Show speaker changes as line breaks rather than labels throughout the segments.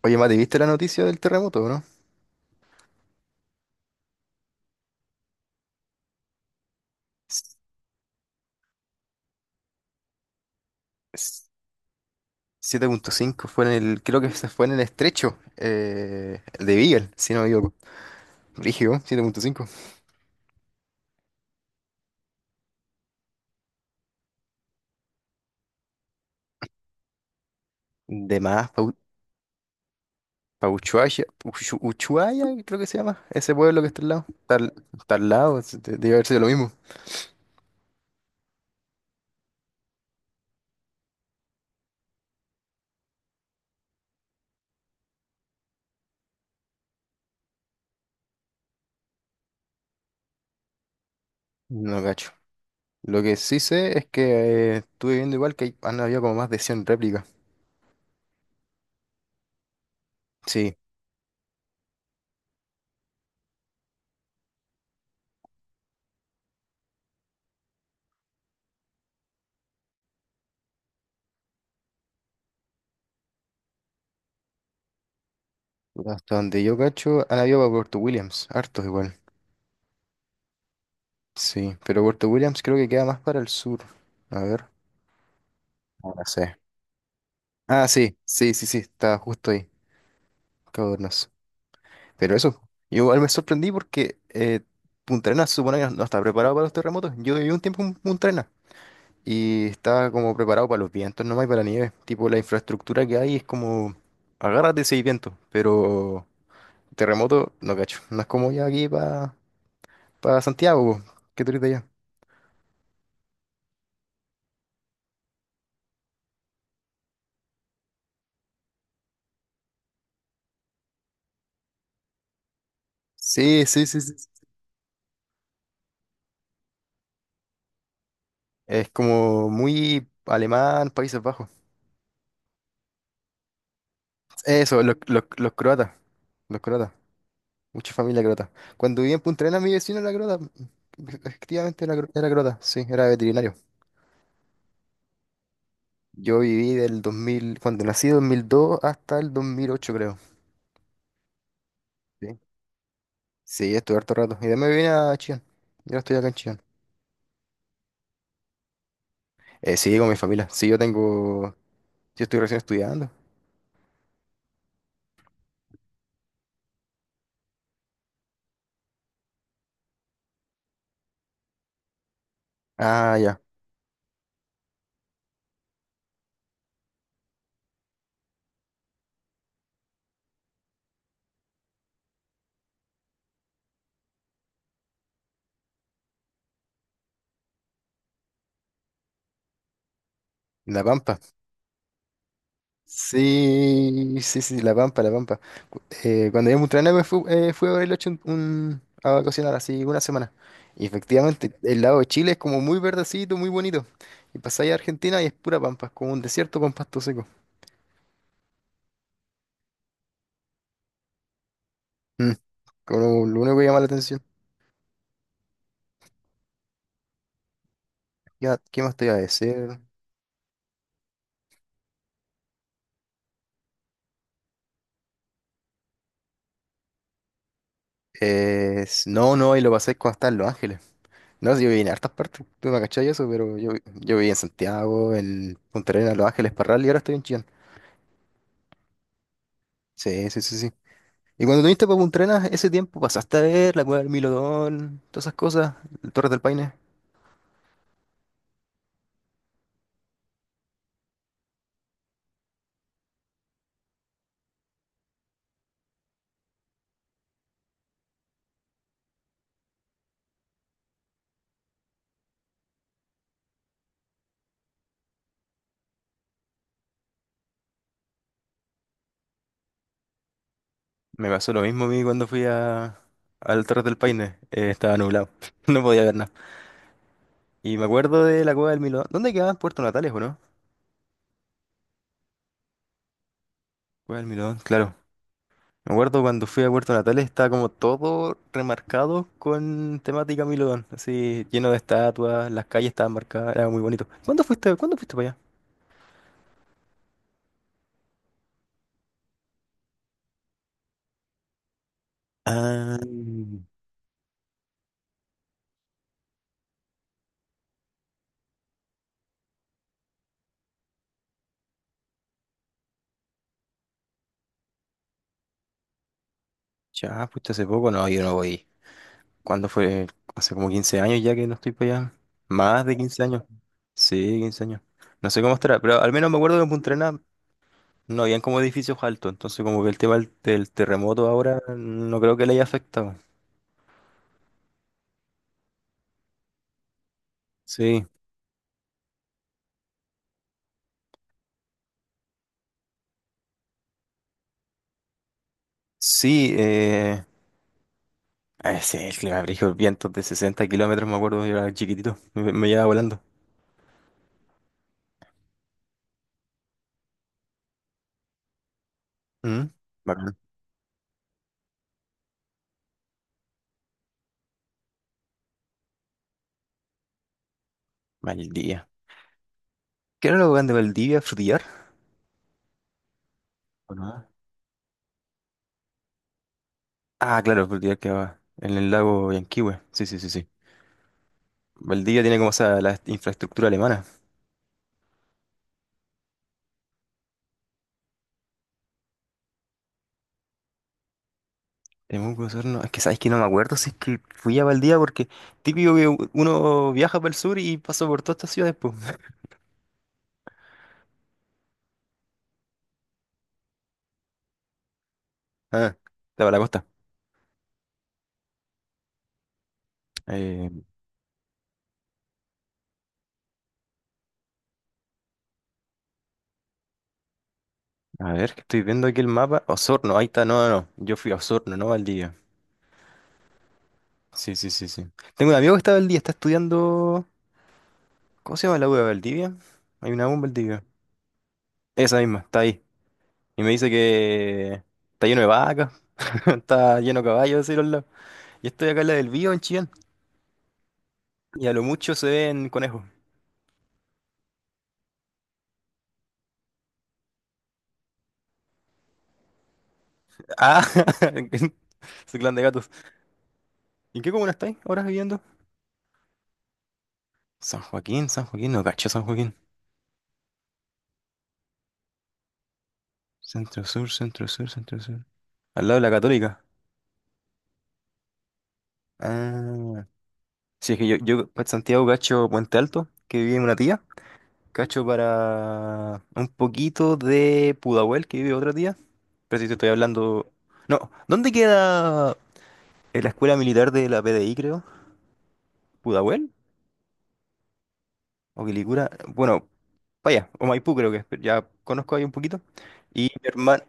Oye, Mati, ¿viste la noticia del terremoto, o no? S- s- 7,5 creo que se fue en el estrecho el de Beagle, si no me equivoco. Rígido, 7,5. De más, Pau, pa' Ushuaia, creo que se llama, ese pueblo que está al lado. Está al lado, debe haber sido lo mismo. No cacho. Lo que sí sé es que estuve viendo igual que han habido como más de 100 réplicas. Sí, hasta donde yo cacho, han habido para Puerto Williams, hartos igual. Sí, pero Puerto Williams creo que queda más para el sur. A ver, ahora sé. Ah, sí, sí, sí, sí, está justo ahí, Cabo Hornos. Pero eso, yo igual me sorprendí porque Punta Arenas se supone que no está preparado para los terremotos. Yo viví un tiempo en Punta Arenas y estaba como preparado para los vientos nomás y para la nieve. Tipo, la infraestructura que hay es como, agárrate si hay viento, pero terremoto no cacho. No es como ya aquí para Santiago, po, que tú eres de allá. Sí, sí, sí, sí, sí. Es como muy alemán, Países Bajos. Eso, los croatas. Los croatas. Mucha familia croata. Cuando viví en Punta Arenas, mi vecino era croata. Efectivamente era croata, sí, era veterinario. Yo viví del 2000, cuando nací, 2002 hasta el 2008, creo. Sí, sí, estuve harto rato. Y después me vine a Chillán. Yo estoy acá en Chillán. Sí, con mi familia. Sí, yo tengo. Yo estoy recién estudiando. Ah, ya. En La Pampa. Sí, sí, sí, La Pampa, La Pampa. Cuando yo a me fui, fui a Bariloche a vacacionar así una semana. Y efectivamente, el lado de Chile es como muy verdecito, muy bonito. Y pasáis a Argentina y es pura pampa, es como un desierto con pasto seco. Mm, Como lo único que llama la atención. Ya, ¿qué más te iba a decir? No, no, y lo pasé cuando estaba en Los Ángeles. No, si yo viví en hartas partes, tú me cachai eso, pero yo viví en Santiago, en Punta Arenas, Los Ángeles, Parral y ahora estoy en Chillán. Sí, sí, sí, sí. Y cuando viniste para Punta Arenas, ese tiempo pasaste a ver la cueva del Milodón, todas esas cosas, el Torres del Paine. Me pasó lo mismo a mí cuando fui al Torres del Paine. Estaba nublado, no podía ver nada. Y me acuerdo de la cueva del Milodón. ¿Dónde quedaba? Puerto Natales, ¿o no? Cueva del Milodón, claro. Me acuerdo cuando fui a Puerto Natales, estaba como todo remarcado con temática Milodón. Así, lleno de estatuas, las calles estaban marcadas, era muy bonito. Cuándo fuiste para allá? Ah, ya, fuiste hace poco. No, yo no voy. ¿Cuándo fue? Hace como 15 años ya que no estoy para allá. Más de 15 años. Sí, 15 años. No sé cómo estará, pero al menos me acuerdo que en Punta Arenas no habían como edificios altos, entonces como que el tema del terremoto ahora no creo que le haya afectado. Sí, sí, sí, el clima brígido, vientos de 60 kilómetros, me acuerdo, yo era chiquitito, me llevaba volando. ¿Mm? Bacán. Valdivia. ¿Qué era lo grande de Valdivia? ¿Frutillar? ¿O no? Ah, claro, Frutillar quedaba en el lago Yanquihue. Sí, sí, sí, sí. Valdivia tiene como esa la infraestructura alemana. Es que sabes que no me acuerdo si es que fui a Valdivia porque típico que uno viaja para el sur y pasa por todas estas ciudades, pues. Ah, estaba la costa. Eh, a ver, que estoy viendo aquí el mapa. Osorno, ahí está. No, no, no. Yo fui a Osorno, no a Valdivia. Sí, sí, sí, sí. Tengo un amigo que está en Valdivia, está estudiando. ¿Cómo se llama la U de Valdivia? Hay una U en Valdivia. Esa misma, está ahí. Y me dice que está lleno de vacas, está lleno de caballos, así los lados. Y estoy acá en la del Bío, en Chillán. Y a lo mucho se ven conejos. Ah, su clan de gatos. ¿Y en qué comuna estáis ahora viviendo? San Joaquín, San Joaquín, no cacho San Joaquín. Centro Sur, Centro Sur, Centro Sur. Al lado de la Católica. Ah, sí, es que yo, para Santiago cacho Puente Alto, que vive una tía. Cacho para un poquito de Pudahuel, que vive otra tía. Pero si te estoy hablando. No, ¿dónde queda la escuela militar de la PDI, creo? ¿Pudahuel? ¿O Quilicura? Bueno, vaya, o Maipú creo que es, pero ya conozco ahí un poquito. Y mi hermano,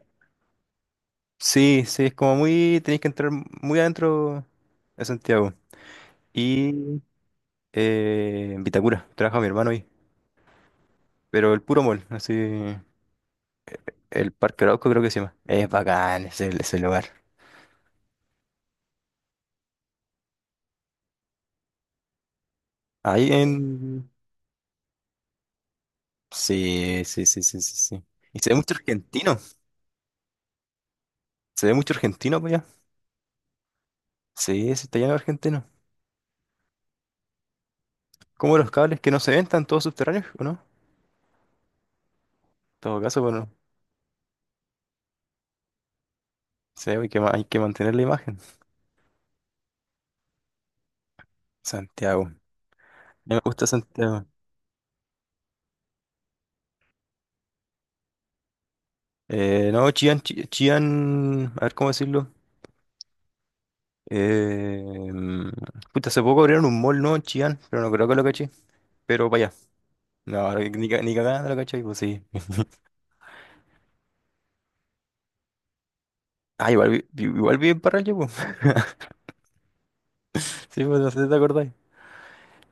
sí, sí, es como muy, tenéis que entrar muy adentro de Santiago. Y en Vitacura, trabaja mi hermano ahí, pero el puro mall, así, el Parque Arauco creo que se llama. Es bacán ese lugar. Ahí en... Sí, sí, sí, sí, sí, sí. Y se ve mucho argentino, se ve mucho argentino pues allá. Sí, se está lleno de argentinos. Como los cables que no se ven, están todos subterráneos, ¿o no? En todo caso, bueno, se ve, hay que mantener la imagen. Santiago. No me gusta Santiago. No, Chillán, Chillán, a ver cómo decirlo. Eh, mm, Puta, hace poco abrieron un mall, ¿no? en Chillán, pero no creo que lo caché. Pero vaya. No, ni cagada no lo caché, pues sí. Ah, igual vive en Parral, pues. Sí, pues no sé si te acordáis.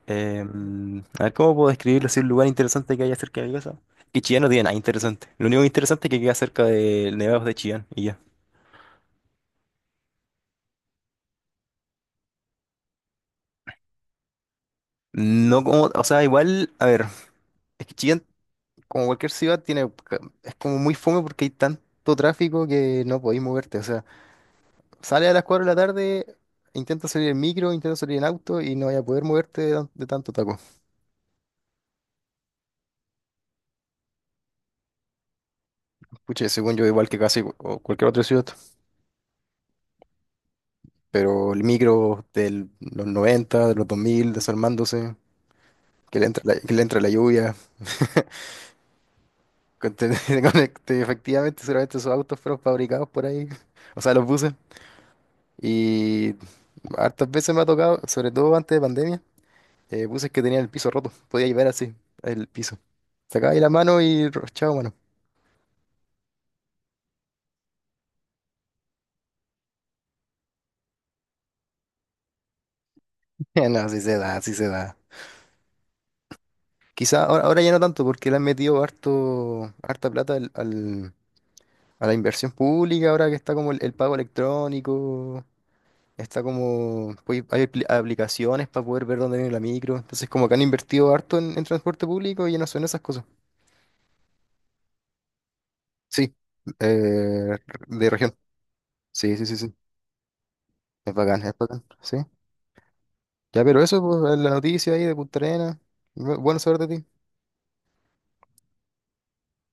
A ver cómo puedo describirlo así un lugar interesante que haya cerca de mi casa. Que Chillán no tiene nada interesante. Lo único interesante es que queda cerca de Nevados de Chillán y ya. No como, o sea, igual, a ver, es que Chillán como cualquier ciudad, es como muy fome porque hay tanto tráfico que no podéis moverte. O sea, sale a las 4 de la tarde, intenta salir en micro, intenta salir en auto y no vas a poder moverte de tanto taco. Pucha, según yo, igual que casi o cualquier otra ciudad, pero el micro de los 90, de los 2000 desarmándose, que le entra la lluvia. con- te- Efectivamente, seguramente esos autos fueron fabricados por ahí, o sea, los buses. Y hartas veces me ha tocado, sobre todo antes de pandemia, puse que tenía el piso roto. Podía llevar así, el piso. Sacaba ahí la mano y chao, mano. No, así se da, así se da. Quizá ahora, ya no tanto, porque le han metido harta plata a la inversión pública, ahora que está como el pago electrónico, está como, pues, hay aplicaciones para poder ver dónde viene la micro, entonces como que han invertido harto en transporte público y ya no son esas cosas. Sí, eh, de región. Sí, sí, sí, sí. Es bacán, es bacán. Sí. Ya, pero eso, pues, la noticia ahí de Punta Arenas. Bueno saber de ti.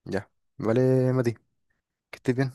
Ya, vale, Mati, que estés bien.